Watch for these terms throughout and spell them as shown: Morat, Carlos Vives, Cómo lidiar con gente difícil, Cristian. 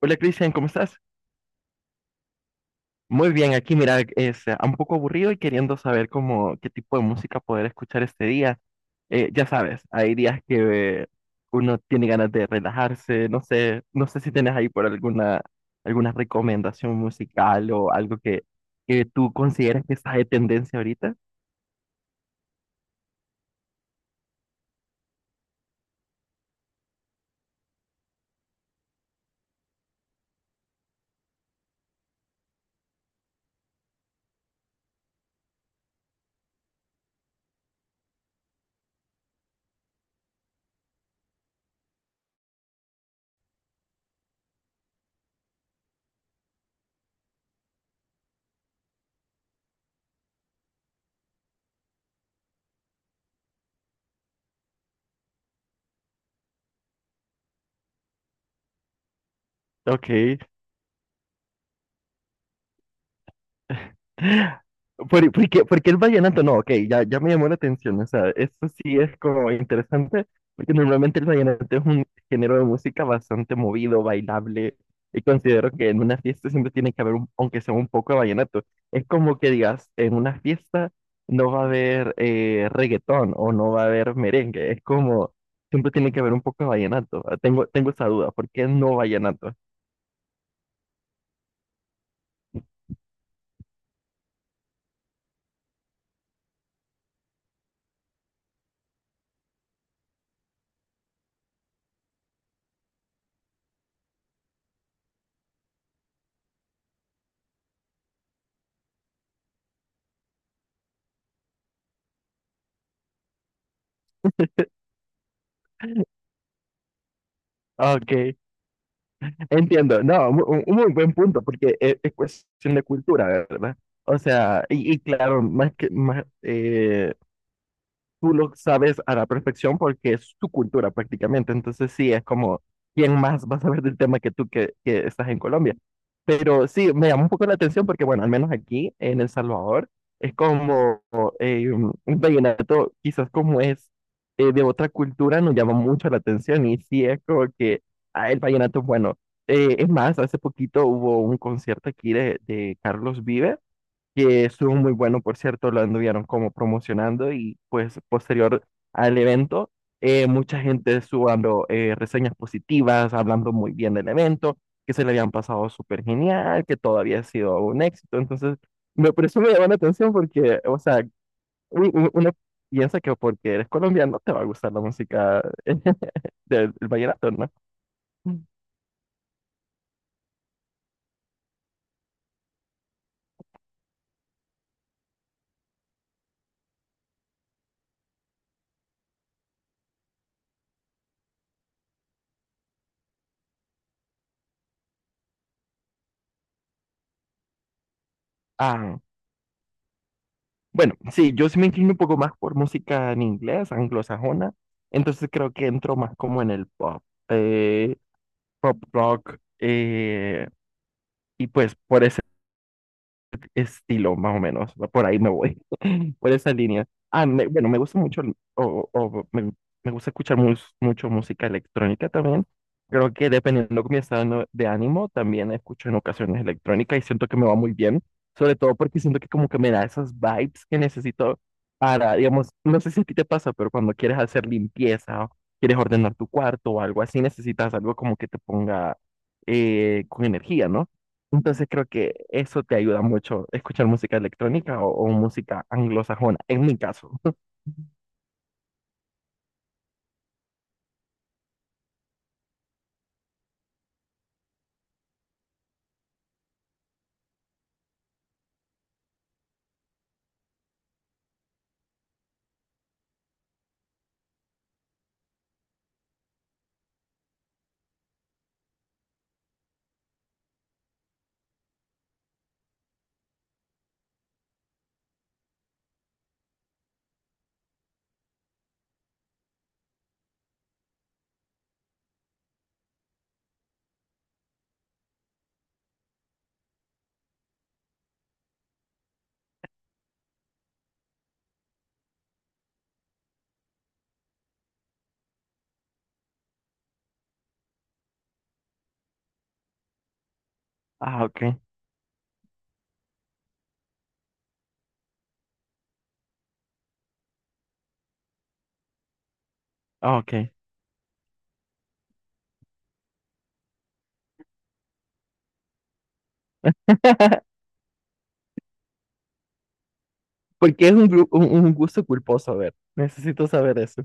Hola Cristian, ¿cómo estás? Muy bien, aquí mira, es un poco aburrido y queriendo saber cómo, qué tipo de música poder escuchar este día. Ya sabes, hay días que uno tiene ganas de relajarse, no sé, no sé si tienes ahí por alguna, alguna recomendación musical o algo que tú consideras que está de tendencia ahorita. Ok. ¿Porque el vallenato? No, ok, ya me llamó la atención. O sea, esto sí es como interesante, porque normalmente el vallenato es un género de música bastante movido, bailable, y considero que en una fiesta siempre tiene que haber, aunque sea un poco de vallenato. Es como que digas, en una fiesta no va a haber reggaetón o no va a haber merengue. Es como, siempre tiene que haber un poco de vallenato. Ah, tengo esa duda, ¿por qué no vallenato? Ah, ok, entiendo. No, un muy buen punto, porque es cuestión de cultura, ¿verdad? O sea, y claro, más que más, tú lo sabes a la perfección porque es tu cultura prácticamente. Entonces sí, es como, ¿quién más va a saber del tema que tú que estás en Colombia? Pero sí, me llama un poco la atención porque, bueno, al menos aquí en El Salvador es como un vallenato, quizás como es de otra cultura, nos llama mucho la atención y sí es como que ah, el vallenato es bueno. Es más, hace poquito hubo un concierto aquí de Carlos Vives que estuvo muy bueno, por cierto, lo anduvieron como promocionando y pues posterior al evento, mucha gente estuvo dando reseñas positivas, hablando muy bien del evento, que se le habían pasado súper genial, que todo había sido un éxito. Entonces, por eso me llamó la atención porque, o sea, uno piensa que porque eres colombiano te va a gustar la música del vallenato, ¿no? Ah, bueno, sí, yo sí me inclino un poco más por música en inglés, anglosajona, entonces creo que entro más como en el pop, pop rock, y pues por estilo, más o menos. Por ahí me voy, por esa línea. Ah, bueno, me gusta mucho, me gusta escuchar mucho música electrónica también. Creo que dependiendo de mi estado de ánimo, también escucho en ocasiones electrónica y siento que me va muy bien, sobre todo porque siento que como que me da esas vibes que necesito para, digamos, no sé si a ti te pasa, pero cuando quieres hacer limpieza o quieres ordenar tu cuarto o algo así, necesitas algo como que te ponga con energía, ¿no? Entonces creo que eso te ayuda mucho, escuchar música electrónica o música anglosajona, en mi caso. Ah, ok, ah, ok. Porque es un, un gusto culposo, a ver, necesito saber eso.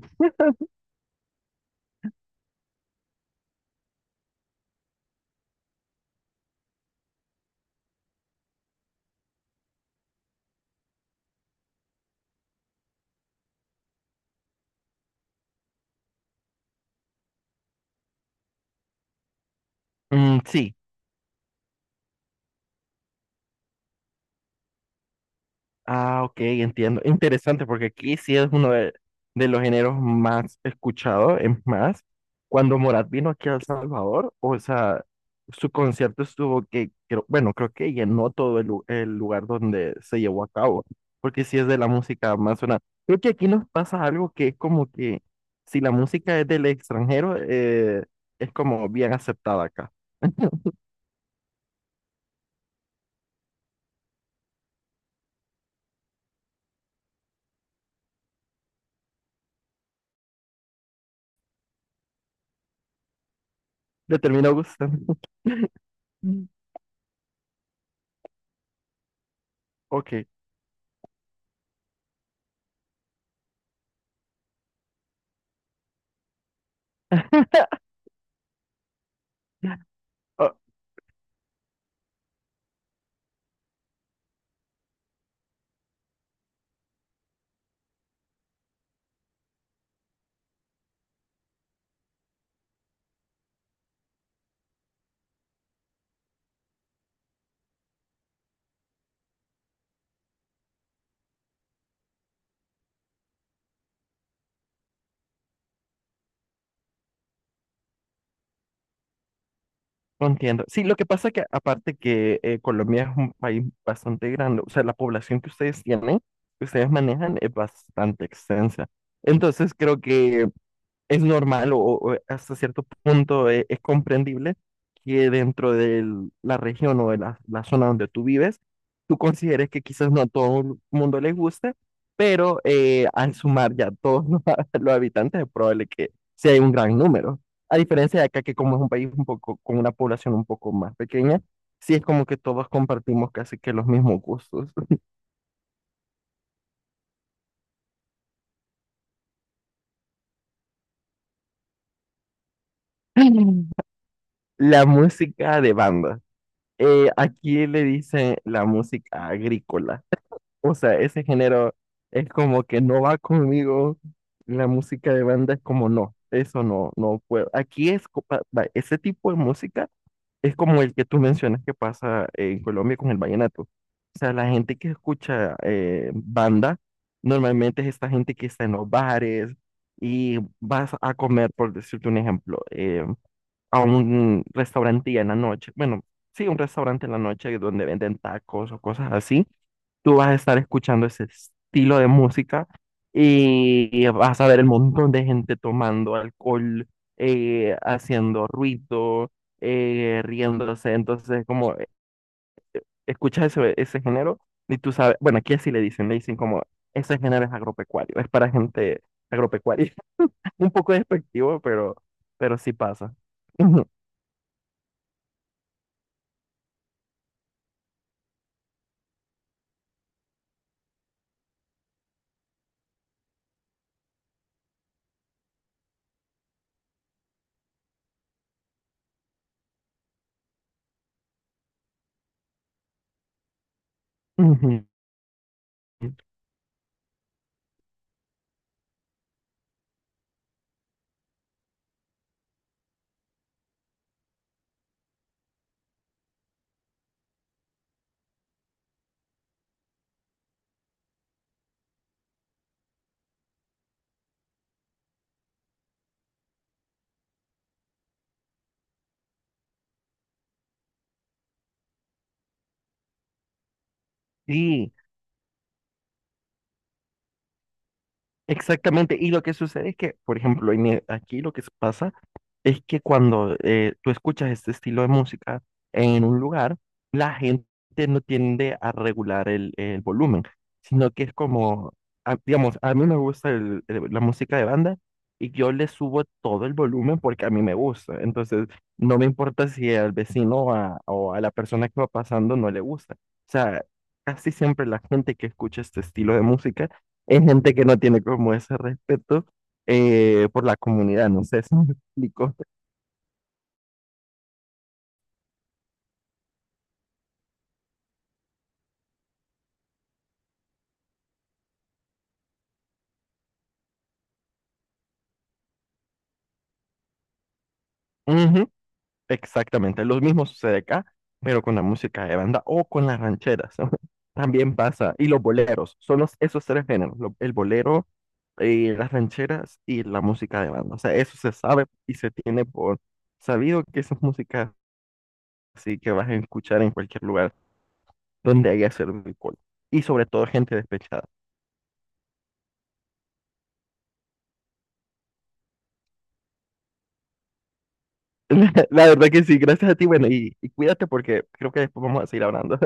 Mm, sí. Ah, ok, entiendo. Interesante, porque aquí sí es uno de los géneros más escuchados. Es más, cuando Morat vino aquí a El Salvador, o sea, su concierto estuvo que, bueno, creo que llenó todo el lugar donde se llevó a cabo, porque sí es de la música más sonada. Creo que aquí nos pasa algo que es como que si la música es del extranjero, es como bien aceptada acá. Le terminó gustando. Mm. Ok. Entiendo. Sí, lo que pasa es que aparte que Colombia es un país bastante grande, o sea, la población que ustedes tienen, que ustedes manejan es bastante extensa. Entonces creo que es normal o hasta cierto punto es, comprendible que dentro de la región o de la zona donde tú vives, tú consideres que quizás no a todo el mundo le guste, pero al sumar ya todos los, los habitantes es probable que sea un gran número. A diferencia de acá, que como es un país un poco con una población un poco más pequeña, sí es como que todos compartimos casi que los mismos gustos. La música de banda. Aquí le dicen la música agrícola. O sea, ese género es como que no va conmigo. La música de banda es como no, eso no, no puedo. Aquí es, va, ese tipo de música es como el que tú mencionas que pasa en Colombia con el vallenato. O sea, la gente que escucha banda normalmente es esta gente que está en los bares y vas a comer, por decirte un ejemplo, a un restaurante en la noche. Bueno, sí, un restaurante en la noche donde venden tacos o cosas así tú vas a estar escuchando ese estilo de música y, vas a ver el montón de gente tomando alcohol, haciendo ruido, riéndose. Entonces, como escuchas ese género y tú sabes, bueno, aquí así le dicen como, ese género es agropecuario, es para gente agropecuaria. Un poco despectivo, pero sí pasa. Ujú, ujú. Sí, exactamente. Y lo que sucede es que, por ejemplo, aquí lo que pasa es que cuando tú escuchas este estilo de música en un lugar, la gente no tiende a regular el volumen, sino que es como, digamos, a mí me gusta la música de banda y yo le subo todo el volumen porque a mí me gusta. Entonces, no me importa si al vecino o a la persona que va pasando no le gusta. O sea, casi siempre la gente que escucha este estilo de música es gente que no tiene como ese respeto por la comunidad, no sé si me explico. Ujú, exactamente, lo mismo sucede acá, pero con la música de banda o con las rancheras. También pasa. Y los boleros, son esos tres géneros, el bolero, las rancheras y la música de banda. O sea, eso se sabe y se tiene por sabido que esa es música así que vas a escuchar en cualquier lugar donde haya servido alcohol. Y sobre todo gente despechada. La verdad que sí, gracias a ti, bueno, y cuídate porque creo que después vamos a seguir hablando.